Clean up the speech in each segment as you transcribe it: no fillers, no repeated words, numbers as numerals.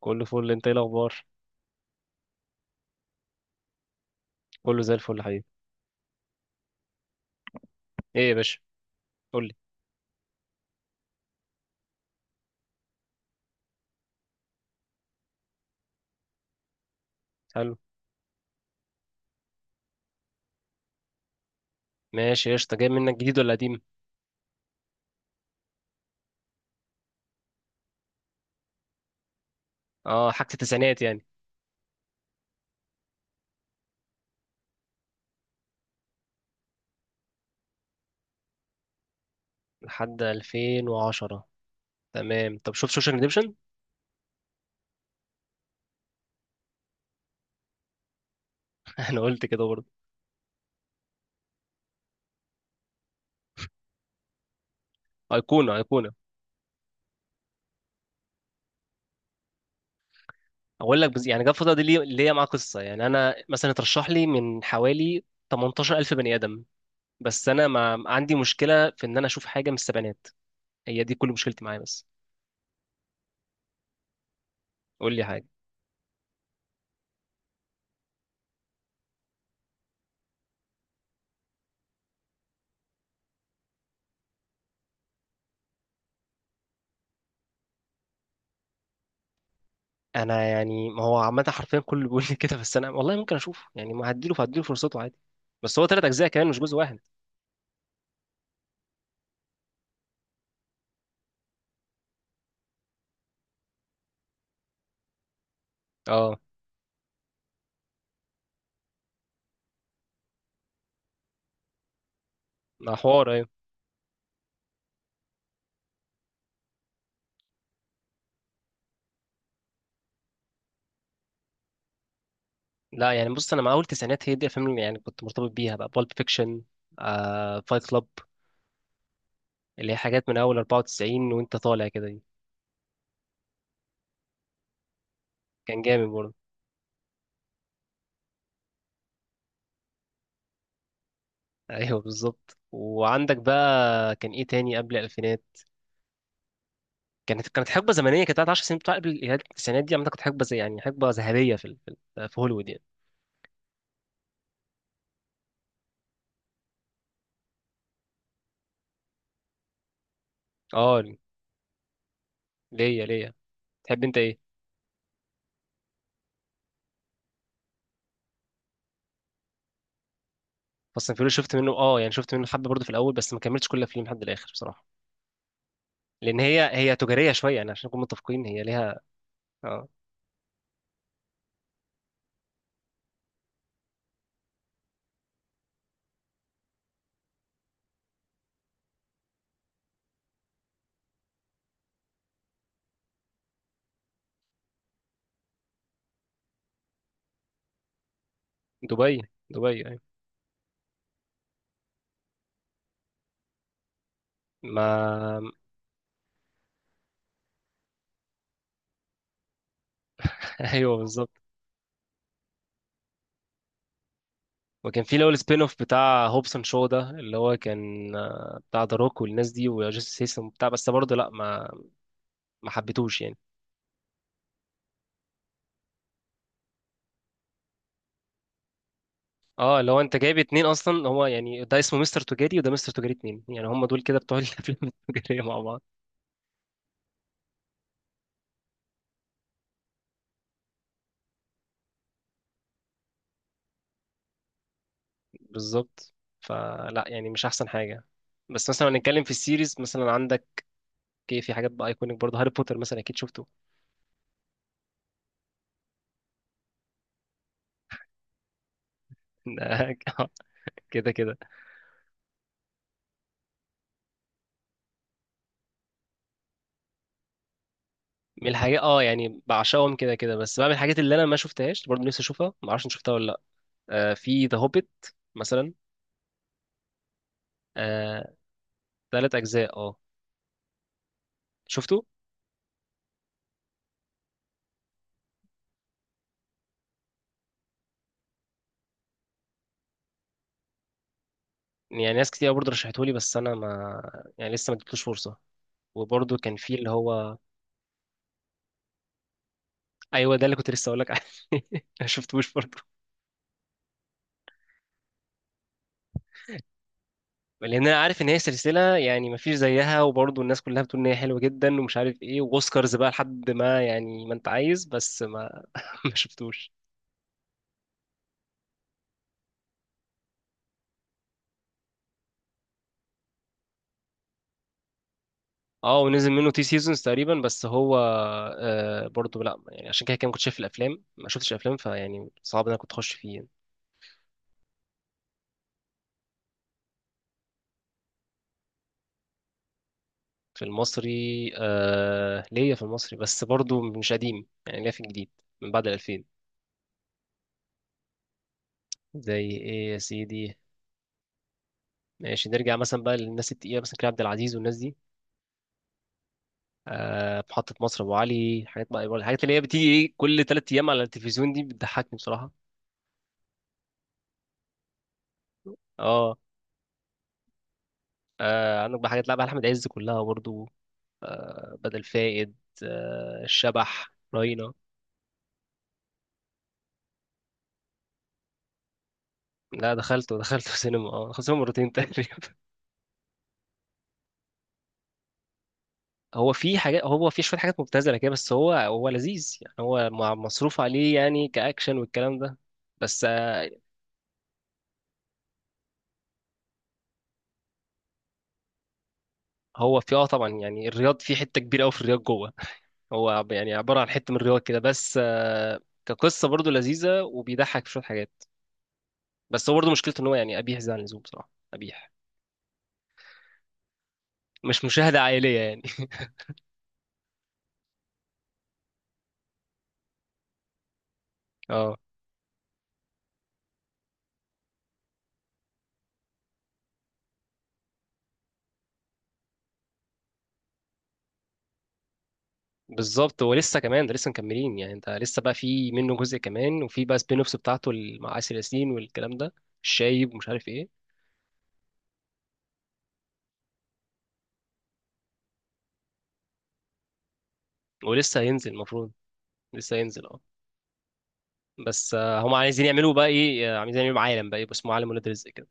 كله فل، انت ايه الاخبار؟ كله زي الفل يا حبيبي. ايه يا باشا؟ قول لي. حلو. ماشي قشطه، جاي منك جديد ولا قديم؟ اه، حاجه التسعينات يعني. لحد 2010. تمام، طب شوف سوشيال ريديمشن. انا قلت كده برضه. ايقونه ايقونه. اقول لك يعني جاب الفتره دي ليه، ليا معاه قصه، يعني انا مثلا اترشح لي من حوالي 18000 بني ادم. بس انا ما عندي مشكله في ان انا اشوف حاجه من السبعينات. هي دي كل مشكلتي معايا بس. قول لي حاجه. انا يعني ما هو عامه حرفيا كله بيقول لي كده، بس انا والله ممكن اشوفه، يعني ما هديله فرصته عادي. بس هو 3 اجزاء كمان مش جزء واحد. اه ما حوار ايوه. لا يعني بص، انا مع اول تسعينات، هي دي الافلام اللي يعني كنت مرتبط بيها بقى، بالب فيكشن. آه فايت كلاب. اللي هي حاجات من اول 94 وانت طالع كده دي. كان جامد برضه. ايوه بالظبط، وعندك بقى كان ايه تاني قبل الالفينات؟ كانت حقبه زمنيه، كانت بتاعت 10 سنين، بتاع قبل التسعينات دي. عامه كانت حقبه زي يعني حقبه ذهبيه في هوليوود يعني. اه ليا ليا، تحب انت ايه؟ فاست اند فيوريوس شفت منه، اه يعني شفت منه حبه برضه في الاول، بس ما كملتش كل الافلام لحد الاخر بصراحه. لان هي تجاريه شويه، يعني عشان نكون متفقين، هي ليها. اه، دبي. دبي ايوه. ما، ايوه بالظبط. وكان في الاول سبين اوف بتاع هوبسون شو، ده اللي هو كان آه، بتاع ذا روك والناس دي وجاستس سيستم وبتاع، بس برضه لا ما حبيتهوش يعني. اه اللي هو انت جايب اتنين اصلا، هو يعني ده اسمه مستر تجاري وده مستر تجاري اتنين، يعني هم دول كده بتوع الافلام التجاريه مع بعض. بالظبط. فلا يعني مش احسن حاجه. بس مثلا لو هنتكلم في السيريز، مثلا عندك ايه؟ في حاجات بقى ايكونيك برضه، هاري بوتر مثلا اكيد شفته. كده كده. من الحاجات اه يعني بعشقهم كده كده، بس بقى من الحاجات اللي انا ما شفتهاش برضه نفسي اشوفها، ما اعرفش إن شفتها ولا لا. آه، في ذا هوبيت مثلا. آه، 3 اجزاء اه. شفته. يعني ناس كتير برضه رشحته لي، بس انا ما، يعني لسه ما اديتلوش فرصه. وبرضه كان في اللي هو ايوه، ده اللي كنت لسه اقول لك عليه. ما شفتوش برضه. لان انا عارف ان هي سلسله يعني مفيش زيها، وبرضه الناس كلها بتقول ان هي حلوه جدا ومش عارف ايه، واوسكارز بقى لحد ما يعني ما انت عايز، بس ما ما شفتوش. اه، ونزل منه تي سيزونز تقريبا بس هو. آه برضه لا يعني، عشان كده كده ما كنتش شايف الافلام، ما شفتش افلام، فيعني صعب ان انا كنت اخش فيه يعني. في المصري. آه، ليا في المصري بس برضه مش قديم، يعني ليا في الجديد من بعد ال 2000. زي ايه يا سيدي؟ ماشي، نرجع مثلا بقى للناس التقيله مثلا كريم عبد العزيز والناس دي. آه، محطة مصر، أبو علي، حاجات، ما الحاجات اللي هي بتيجي إيه كل تلات أيام على التلفزيون دي بتضحكني بصراحة. أه. آه، عندك بقى حاجات لعبة أحمد عز كلها برضو. آه، بدل فائد. آه، الشبح راينا. لا، دخلته سينما، اه دخلت سينما مرتين تقريبا. هو في حاجات، هو في شوية حاجات مبتذلة كده، بس هو لذيذ يعني، هو مصروف عليه يعني كأكشن والكلام ده. بس آه. هو في اه طبعا، يعني الرياض في حتة كبيرة أوي في الرياض جوه. هو يعني عبارة عن حتة من الرواية كده بس آه. كقصة برضه لذيذة وبيضحك في شوية حاجات. بس هو برضه مشكلته إن هو يعني قبيح زي عن اللزوم، بصراحة قبيح. مش مشاهدة عائلية يعني. اه بالظبط، هو لسه كمان ده لسه مكملين، يعني انت لسه بقى في منه جزء كمان، وفي بقى سبين اوفس بتاعته مع آسر ياسين والكلام ده، الشايب ومش عارف ايه. ولسه هينزل المفروض. لسه هينزل اه. بس آه، هم عايزين يعملوا بقى ايه، آه، عايزين يعملوا عالم بقى يبقى اسمه عالم ولاد رزق كده.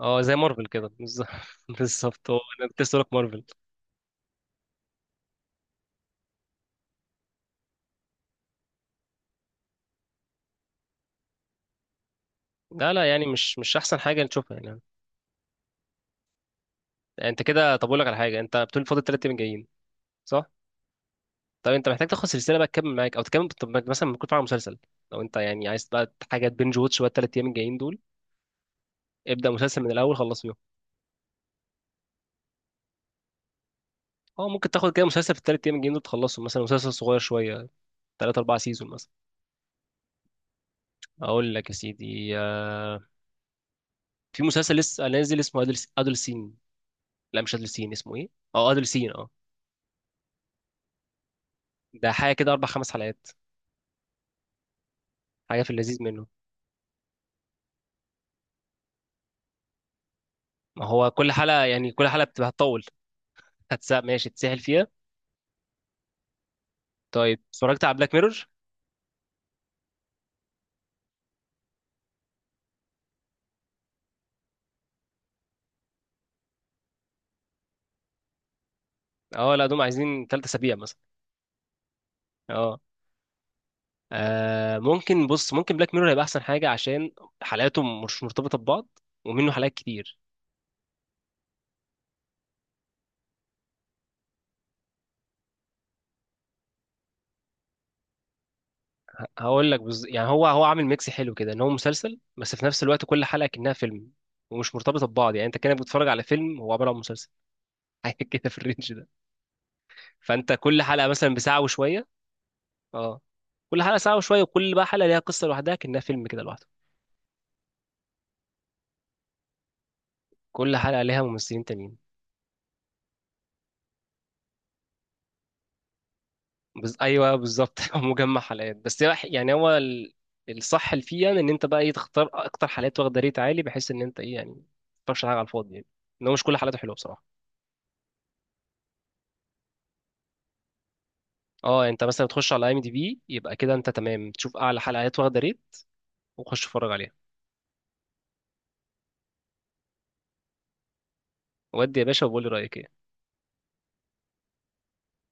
اه زي مارفل كده. بالظبط. بالظبط هو انا كنت لسه هقولك مارفل. لا لا يعني مش احسن حاجه نشوفها يعني. انت كده، طب اقول لك على حاجه، انت بتقول فاضل 3 ايام جايين، صح؟ طب انت محتاج تاخد سلسله بقى تكمل معاك، او تكمل، طب مثلا ممكن تتفرج على مسلسل. لو انت يعني عايز بقى حاجه بنج واتش بقى ال 3 ايام الجايين دول، ابدا مسلسل من الاول خلص فيهم. اه ممكن تاخد كده مسلسل في ال 3 ايام الجايين دول تخلصه، مثلا مسلسل صغير شويه، ثلاث اربع سيزون مثلا. اقول لك يا سيدي آه، في مسلسل لسه نازل اسمه ادلسين، لا مش ادلسين، اسمه ايه، اه ادلسين اه. ده حاجه كده اربع خمس حلقات. حاجه في اللذيذ منه. ما هو كل حلقة يعني كل حلقة بتبقى هتطول. هتسأل ماشي تسهل فيها. طيب اتفرجت على بلاك ميرور؟ اه، لا دوم عايزين 3 اسابيع مثلا. اه. آه، ممكن بص ممكن بلاك ميرور هيبقى احسن حاجه، عشان حلقاته مش مرتبطه ببعض، ومنه حلقات كتير. هقول لك يعني هو عامل ميكس حلو كده، ان هو مسلسل بس في نفس الوقت كل حلقه كأنها فيلم، ومش مرتبطه ببعض، يعني انت كانك بتتفرج على فيلم هو عباره عن مسلسل. حاجه كده في الرينج ده. فانت كل حلقه مثلا بساعه وشويه. اه. كل حلقه ساعه وشويه، وكل بقى حلقه ليها قصه لوحدها كأنها فيلم كده لوحده. كل حلقه ليها ممثلين تانيين. ايوه بالظبط هو مجمع حلقات، بس يعني هو الصح اللي فيه يعني ان انت بقى ايه تختار اكتر حلقات واخده ريت عالي، بحيث ان انت ايه يعني ما تختارش حاجه على الفاضي يعني. ان هو مش كل حلقاته حلوه بصراحه. اه انت مثلا تخش على اي ام دي بي، يبقى كده انت تمام تشوف اعلى حلقات واخده ريت وخش اتفرج عليها. ودي يا باشا وقول لي رايك ايه.